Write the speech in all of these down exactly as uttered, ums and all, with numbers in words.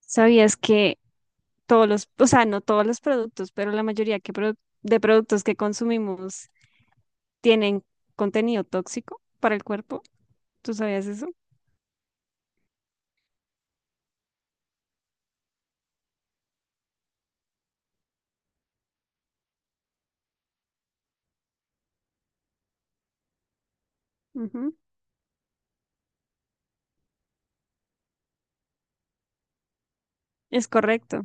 ¿Sabías que todos los, o sea, no todos los productos, pero la mayoría que produ- de productos que consumimos tienen contenido tóxico para el cuerpo? ¿Tú sabías eso? Ujú. Es correcto.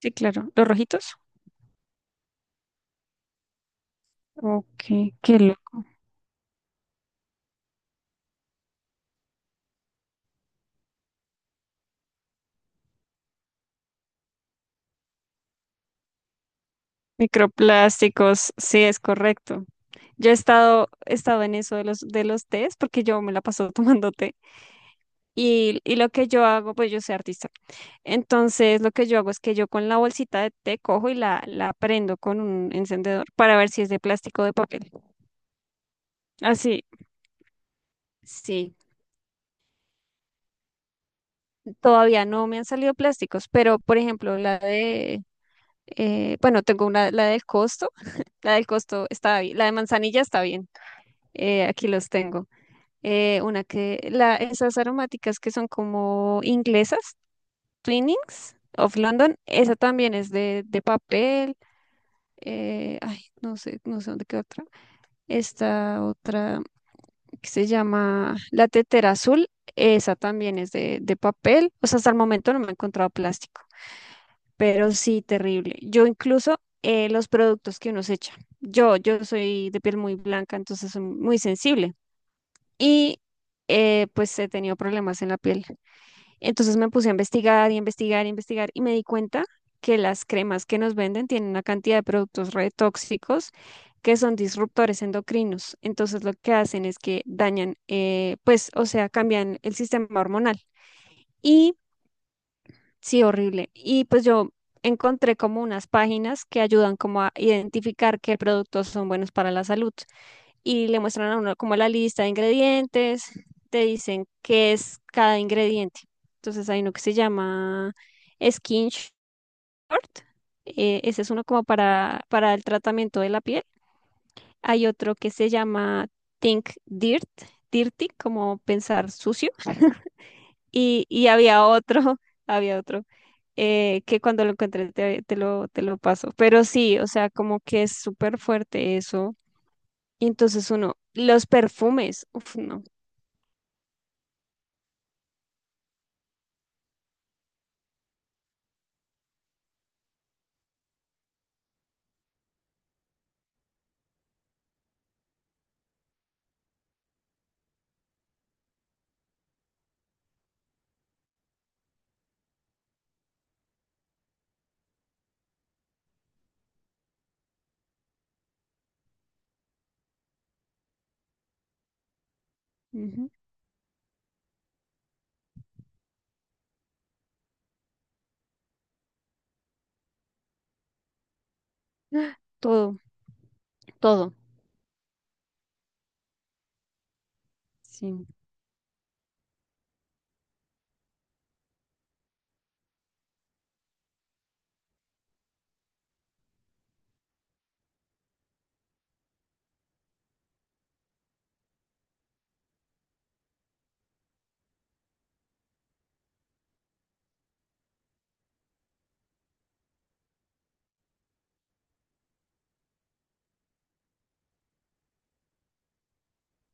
Sí, claro. ¿Los rojitos? Ok, qué loco. Microplásticos, sí, es correcto. Yo he estado, he estado en eso de los, de los tés, porque yo me la paso tomando té. Y, y lo que yo hago, pues yo soy artista. Entonces, lo que yo hago es que yo con la bolsita de té cojo y la, la prendo con un encendedor para ver si es de plástico o de papel. Así, sí. Todavía no me han salido plásticos, pero por ejemplo, la de, eh, bueno, tengo una, la del costo. La del costo está bien. La de manzanilla está bien. Eh, aquí los tengo eh, una que, la, esas aromáticas que son como inglesas, Twinings of London, esa también es de, de papel. eh, ay, no sé, no sé dónde queda otra. Esta otra que se llama La Tetera Azul, esa también es de, de papel. O sea, hasta el momento no me he encontrado plástico, pero sí, terrible. Yo incluso eh, los productos que uno se echa. Yo, yo soy de piel muy blanca, entonces soy muy sensible. Y eh, pues he tenido problemas en la piel. Entonces me puse a investigar y investigar y investigar y me di cuenta que las cremas que nos venden tienen una cantidad de productos re tóxicos que son disruptores endocrinos. Entonces lo que hacen es que dañan, eh, pues, o sea, cambian el sistema hormonal. Y sí, horrible. Y pues yo encontré como unas páginas que ayudan como a identificar qué productos son buenos para la salud y le muestran a uno como la lista de ingredientes, te dicen qué es cada ingrediente. Entonces hay uno que se llama Skin Short, eh, ese es uno como para, para el tratamiento de la piel. Hay otro que se llama Think Dirt, Dirty, como pensar sucio. Y, y había otro, había otro, eh, que cuando lo encontré te, te lo, te lo paso. Pero sí, o sea, como que es súper fuerte eso. Y entonces uno, los perfumes, uff, no. Ujú. Todo, todo. Sí,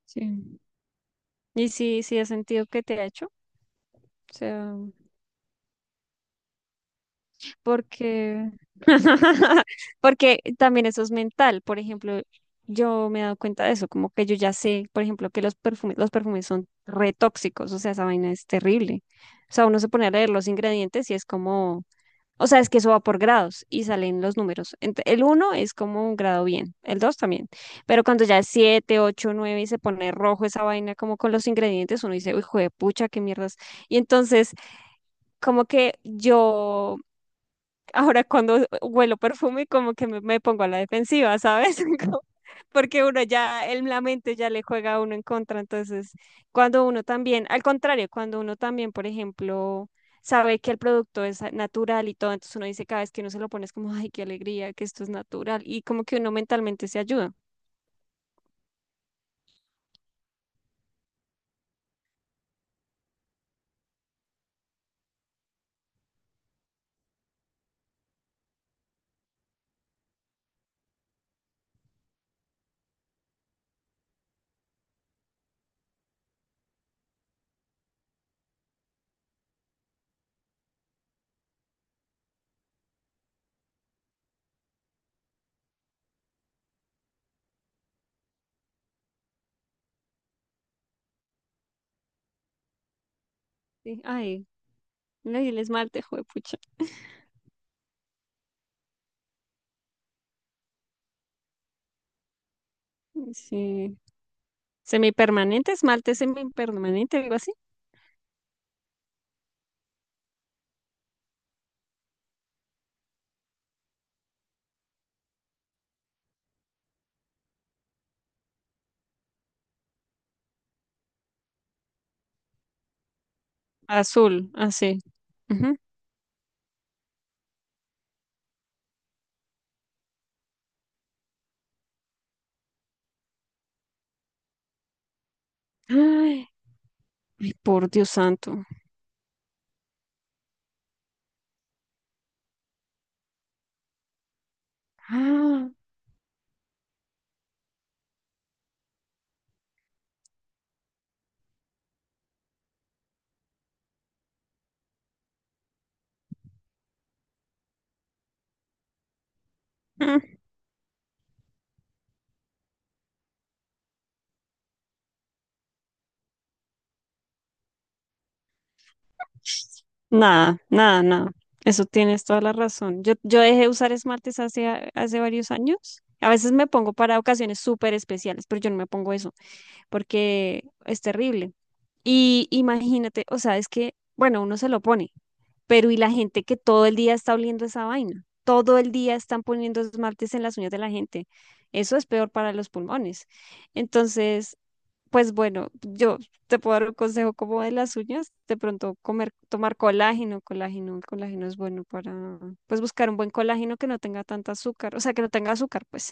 sí. Y sí, sí, has sentido que te ha hecho. O sea, porque, porque también eso es mental. Por ejemplo, yo me he dado cuenta de eso, como que yo ya sé, por ejemplo, que los perfumes, los perfumes son re tóxicos. O sea, esa vaina es terrible. O sea, uno se pone a leer los ingredientes y es como. O sea, es que eso va por grados y salen los números. Ent- El uno es como un grado bien, el dos también. Pero cuando ya es siete, ocho, nueve y se pone rojo esa vaina como con los ingredientes, uno dice, uy, pucha, qué mierdas. Y entonces, como que yo, ahora cuando huelo perfume como que me, me pongo a la defensiva, ¿sabes? Como- Porque uno ya, el, la mente ya le juega a uno en contra. Entonces, cuando uno también, al contrario, cuando uno también, por ejemplo, sabe que el producto es natural y todo, entonces uno dice cada vez que uno se lo pone es como, ay, qué alegría que esto es natural. Y como que uno mentalmente se ayuda. Sí, ay, no, y el esmalte, juepucha. Sí. Semipermanente, esmalte semipermanente, algo así. Azul, así. Ujú. Ay, ay, por Dios santo. Ah, mm. Nada, nada, nada. Eso tienes toda la razón. Yo, yo dejé de usar esmaltes hace, a- hace varios años. A veces me pongo para ocasiones súper especiales, pero yo no me pongo eso porque es terrible. Y imagínate, o sea, es que, bueno, uno se lo pone. Pero ¿y la gente que todo el día está oliendo esa vaina? Todo el día están poniendo esmaltes en las uñas de la gente. Eso es peor para los pulmones. Entonces, pues bueno, yo te puedo dar un consejo como de las uñas, de pronto comer, tomar colágeno, colágeno, el colágeno es bueno para, pues buscar un buen colágeno que no tenga tanta azúcar, o sea, que no tenga azúcar, pues,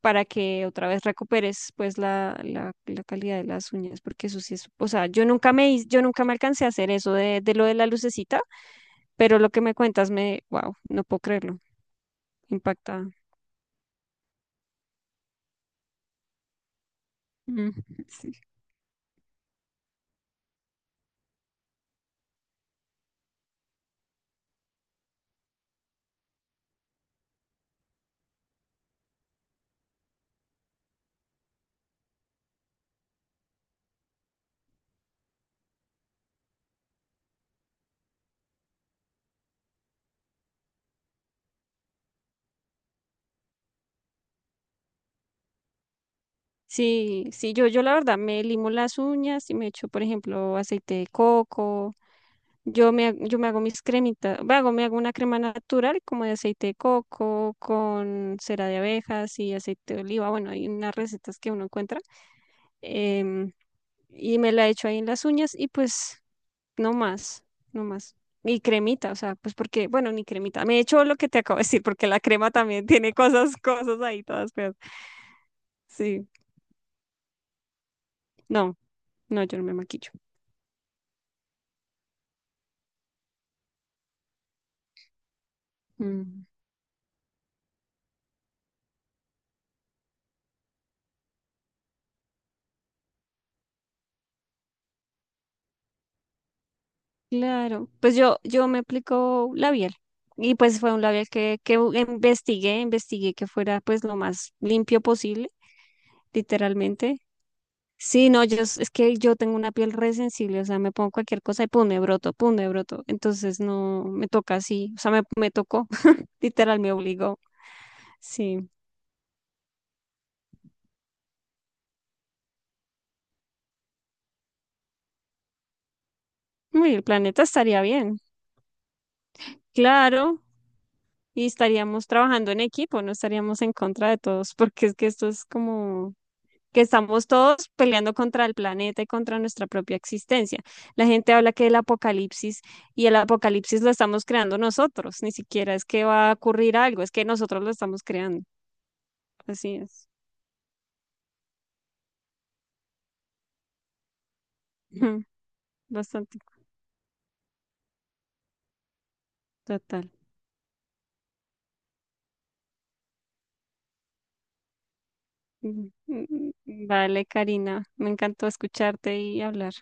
para que otra vez recuperes, pues, la, la, la calidad de las uñas, porque eso sí es, o sea, yo nunca me, hice- yo nunca me alcancé a hacer eso de, de lo de la lucecita, pero lo que me cuentas me, wow, no puedo creerlo, impactada. Mm, sí. Sí, sí, yo, yo la verdad me limo las uñas y me echo, por ejemplo, aceite de coco. Yo me, ha- yo me hago mis cremitas, me hago, me hago una crema natural como de aceite de coco con cera de abejas y aceite de oliva. Bueno, hay unas recetas que uno encuentra em, y me la echo ahí en las uñas y pues no más, no más. Y cremita, o sea, pues porque, bueno, ni cremita. Me he hecho lo que te acabo de decir, porque la crema también tiene cosas, cosas ahí, todas feas. Sí, no, no, yo no me maquillo. Mm, claro, pues yo, yo me aplico labial. Y pues fue un labial que, que investigué, investigué que fuera pues lo más limpio posible, literalmente. Sí, no, yo, s- es que yo tengo una piel re sensible, o sea, me pongo cualquier cosa y pum, me broto, pum, me broto. Entonces no, me toca así, o sea, me, me tocó, literal, me obligó. Sí, uy, el planeta estaría bien, claro, y estaríamos trabajando en equipo, no estaríamos en contra de todos, porque es que esto es como que estamos todos peleando contra el planeta y contra nuestra propia existencia. La gente habla que el apocalipsis y el apocalipsis lo estamos creando nosotros, ni siquiera es que va a ocurrir algo, es que nosotros lo estamos creando. Así es. Ujú, bastante total. Ujú, ujú, ujú. Vale, Karina, me encantó escucharte y hablar.